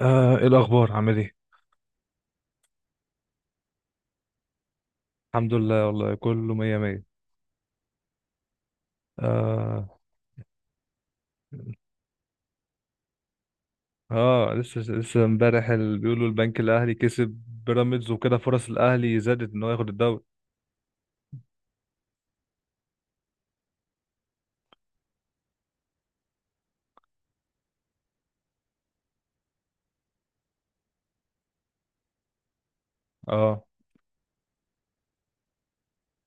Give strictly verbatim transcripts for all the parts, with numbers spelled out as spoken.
آه، ايه الاخبار؟ عامل ايه؟ الحمد لله، والله كله مية مية. آه. اه، لسه لسه امبارح ال- بيقولوا البنك الاهلي كسب بيراميدز، وكده فرص الاهلي زادت ان هو ياخد الدوري. اه،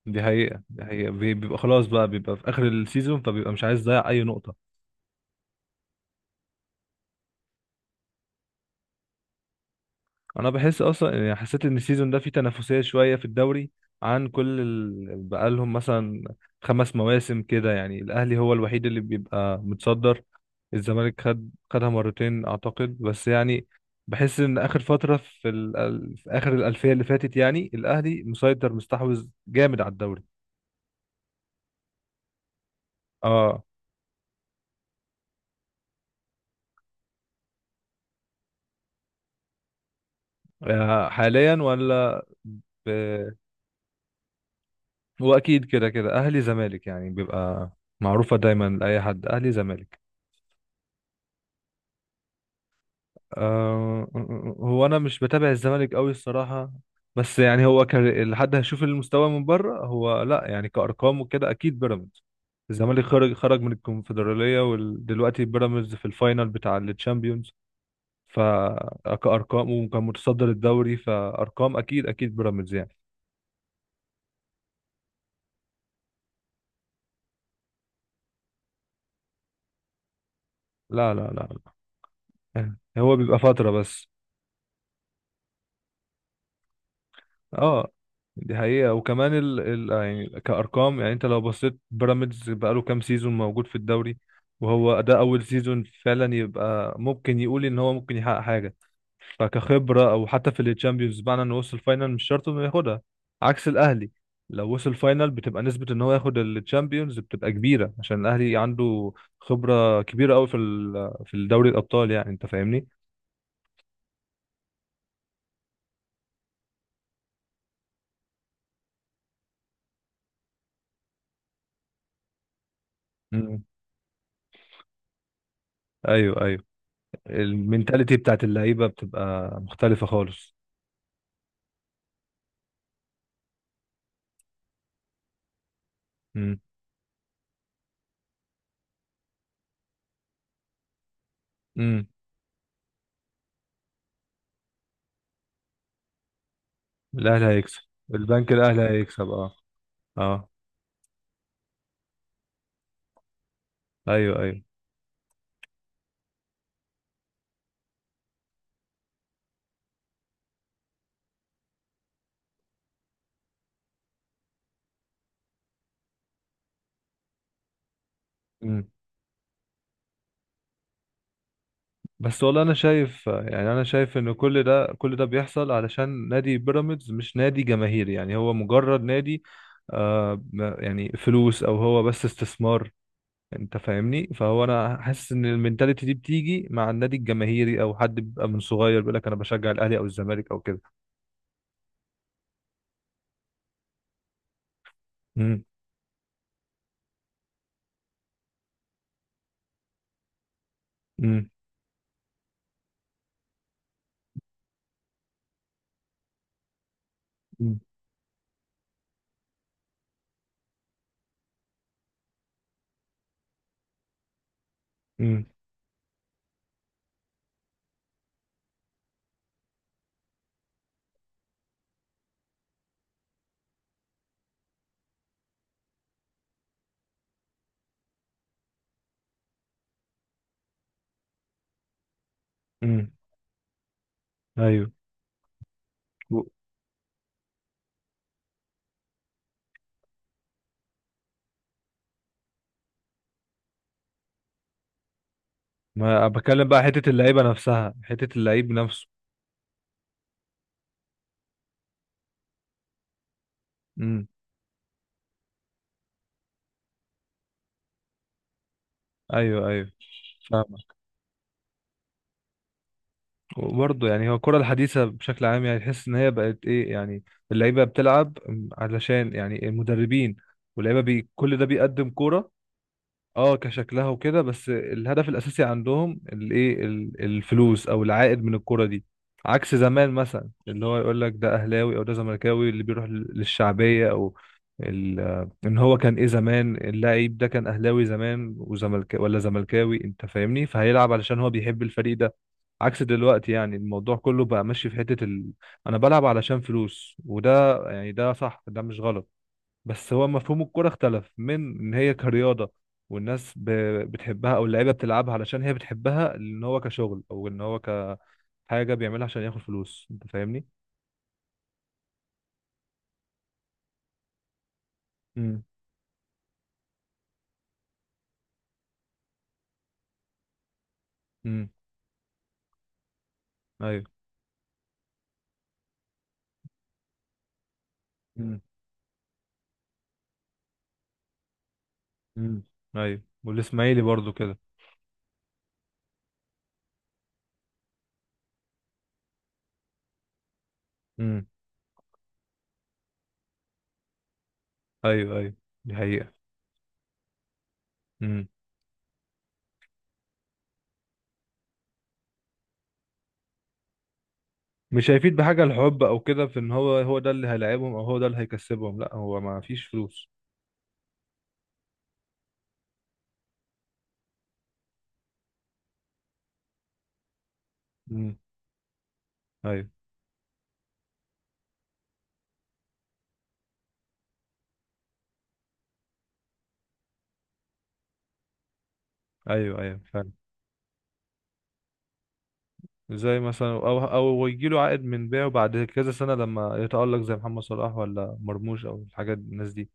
دي حقيقة، دي حقيقة. بي- بيبقى خلاص بقى، بيبقى في اخر السيزون، فبيبقى مش عايز يضيع اي نقطة. انا بحس اصلا، يعني حسيت ان السيزون ده فيه تنافسيه شويه في الدوري، عن كل ال... بقالهم مثلا خمس مواسم كده، يعني الاهلي هو الوحيد اللي بيبقى متصدر. الزمالك خد خدها مرتين اعتقد، بس يعني بحس ان اخر فتره في, ال... ال- في اخر الالفيه اللي فاتت، يعني الاهلي مسيطر، مستحوذ جامد على الدوري. اه. آه، حاليا ولا ب... هو اكيد كده كده، اهلي زمالك يعني، بيبقى معروفه دايما لاي حد، اهلي زمالك. آه، هو انا مش بتابع الزمالك قوي الصراحه، بس يعني هو كان لحد هشوف المستوى من بره، هو لا يعني كارقام وكده اكيد بيراميدز. الزمالك خرج خرج من الكونفدراليه، ودلوقتي بيراميدز في الفاينل بتاع التشامبيونز، فكارقام. وكان متصدر الدوري، فارقام اكيد اكيد بيراميدز يعني. لا، لا، لا، لا. يعني هو بيبقى فتره بس. اه، دي حقيقة. وكمان ال... ال... آه، يعني كأرقام، يعني انت لو بصيت بيراميدز بقاله كام سيزون موجود في الدوري، وهو ده أول سيزون فعلا. يبقى ممكن يقول إن هو ممكن يحقق حاجة، فكخبرة. أو حتى في الشامبيونز، بمعنى إنه وصل فاينل مش شرط إنه ياخدها، عكس الأهلي. لو وصل فاينل بتبقى نسبة إن هو ياخد الشامبيونز بتبقى كبيرة، عشان الأهلي عنده خبرة كبيرة أوي في ال... في الدوري الأبطال. يعني أنت فاهمني؟ مم. أيوه، أيوه. المينتاليتي بتاعت اللعيبه بتبقى مختلفه خالص. امم. امم. الاهلي هيكسب. البنك الاهلي هيكسب، اه. اه. ايوه، ايوه. امم. بس والله انا شايف، يعني انا شايف ان كل ده، كل ده بيحصل علشان نادي بيراميدز مش نادي جماهيري، يعني هو مجرد نادي. آه، ما- يعني فلوس، او هو بس استثمار. انت فاهمني؟ فهو انا حاسس ان المينتاليتي دي بتيجي مع النادي الجماهيري، او حد بيبقى من صغير بيقول لك انا بشجع الاهلي او الزمالك او كده. امم. امم. امم. ايوه. و- ما بتكلم بقى حته اللعيبه نفسها، حته اللعيب نفسه. امم. ايوه، ايوه. فاهمة. وبرضه يعني هو الكرة الحديثة بشكل عام، يعني تحس إن هي بقت إيه يعني. اللعيبة بتلعب علشان يعني المدربين، واللعيبة بي كل ده بيقدم كرة. اه، كشكلها وكده، بس الهدف الاساسي عندهم الايه، ال- الفلوس او العائد من الكرة دي. عكس زمان مثلا، اللي هو يقول لك ده اهلاوي او ده زملكاوي، اللي بيروح لل- للشعبية، او ال- ان هو كان ايه زمان، اللاعب ده كان اهلاوي زمان وزملك ولا زملكاوي، انت فاهمني؟ فهيلعب علشان هو بيحب الفريق ده. عكس دلوقتي، يعني الموضوع كله بقى ماشي في حتة ال... انا بلعب علشان فلوس، وده يعني ده صح، ده مش غلط. بس هو مفهوم الكرة اختلف، من ان هي كرياضة، والناس ب- بتحبها، او اللعيبة بتلعبها علشان هي بتحبها، ان هو كشغل او ان هو كحاجة بيعملها عشان ياخد فلوس. انت فاهمني؟ امم. امم. ايوه. امم. امم. ايوه، والاسماعيلي برضو كده. امم. ايوه، ايوه. دي حقيقة. امم. مش هيفيد بحاجة الحب او كده، في ان هو هو ده اللي هيلاعبهم او هو ده اللي هيكسبهم، لا، هو ما فيش فلوس. امم. ايوه، ايوه، ايوه. زي مثلا، او او يجي له عائد من بيعه بعد كذا سنه لما يتالق، زي محمد صلاح ولا مرموش، او الحاجات الناس دي.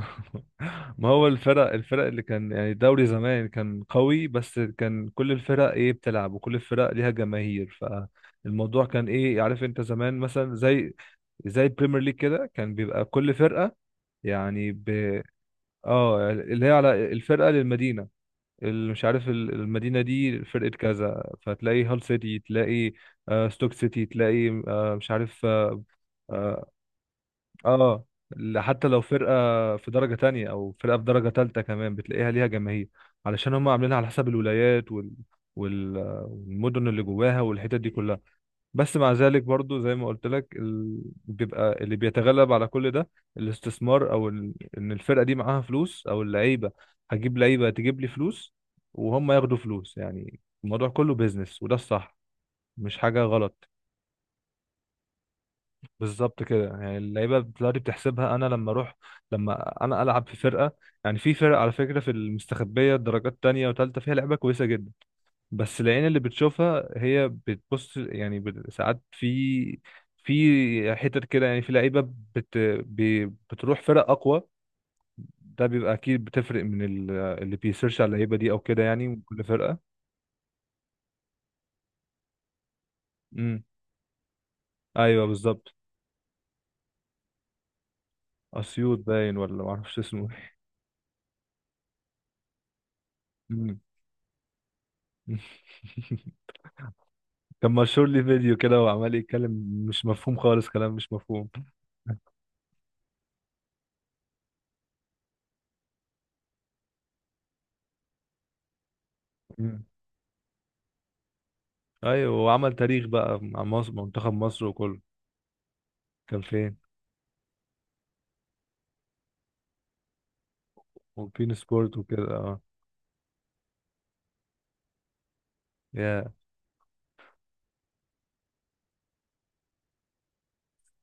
ما هو، الفرق الفرق اللي كان يعني الدوري زمان كان قوي، بس كان كل الفرق ايه بتلعب، وكل الفرق ليها جماهير. فالموضوع كان ايه، عارف انت زمان مثلا زي زي البريمير ليج كده، كان بيبقى كل فرقة، يعني ب اه اللي هي على الفرقة للمدينة. ال- مش عارف، ال- المدينة دي فرقة كذا، فتلاقي هال سيتي، تلاقي آه ستوك سيتي، تلاقي آه، مش عارف، اه, آه. آه، ل- حتى لو فرقة في درجة تانية، أو فرقة في درجة تالتة كمان، بتلاقيها ليها جماهير. علشان هم عاملينها على حسب الولايات، وال... وال... والمدن اللي جواها، والحتت دي كلها. بس مع ذلك برضو، زي ما قلت لك، ال... بيبقى اللي بيتغلب على كل ده الاستثمار، او ال... ان الفرقه دي معاها فلوس، او اللعيبه. هجيب لعيبه تجيب لي فلوس، وهم ياخدوا فلوس. يعني الموضوع كله بيزنس، وده الصح، مش حاجه غلط. بالظبط كده. يعني اللعيبه دلوقتي بتحسبها، انا لما اروح، لما انا العب في فرقه. يعني في فرق، على فكره، في المستخبيه درجات تانية وتالتة فيها لعيبه كويسه جدا. بس العين اللي بتشوفها هي بتبص، يعني بت- ساعات في في حتت كده، يعني في لعيبه بت بي- بتروح فرق اقوى، ده بيبقى اكيد بتفرق من ال- اللي بيسيرش على اللعيبه دي او كده، يعني من كل فرقه. امم. ايوه بالظبط. اسيوط باين، ولا ما اعرفش اسمه. امم. كان مشهور لي فيديو كده وعمال يتكلم، مش مفهوم خالص، كلام مش مفهوم. امم. ايوه، وعمل تاريخ بقى مع مصر، منتخب مصر وكله. كان فين؟ وبين سبورت وكده، اه. يا.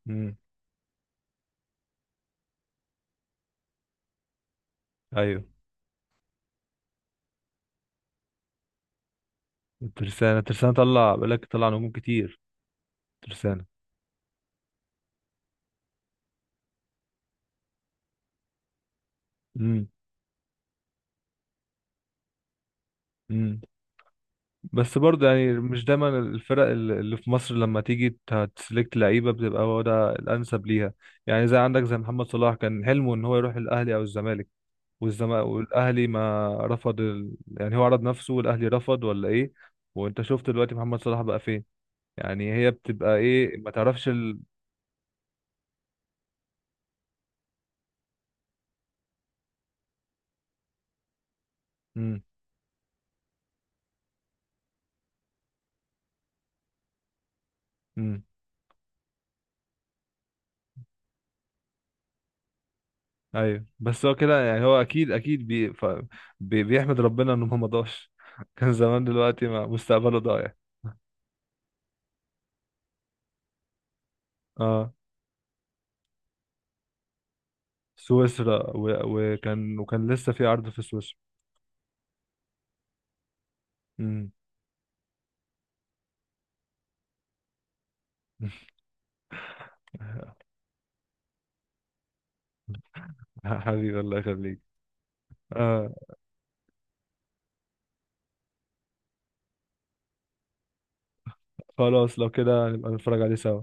امم. ايوه. الترسانة، الترسانة طلع، بقولك طلع نجوم كتير، ترسانة. امم. امم. بس برضه، يعني مش دايما الفرق ال- اللي في مصر لما تيجي ت- تسلكت لعيبة، بتبقى هو ده الأنسب ليها. يعني زي عندك زي محمد صلاح، كان حلمه إن هو يروح الأهلي أو الزمالك. والزم... والأهلي ما رفض ال... يعني هو عرض نفسه، والأهلي رفض ولا إيه؟ وأنت شفت دلوقتي محمد صلاح بقى فين؟ يعني هي بتبقى إيه، ما تعرفش ال... مم. مم. ايوه، بس هو كده. يعني هو اكيد اكيد بي ف... بي بيحمد ربنا انه ما ضاعش. كان زمان، دلوقتي ما مستقبله ضايع. اه. سويسرا، و... وكان وكان لسه في عرض في سويسرا. امم. حبيبي الله يخليك. آه. خلاص لو كده نبقى نتفرج عليه سوا.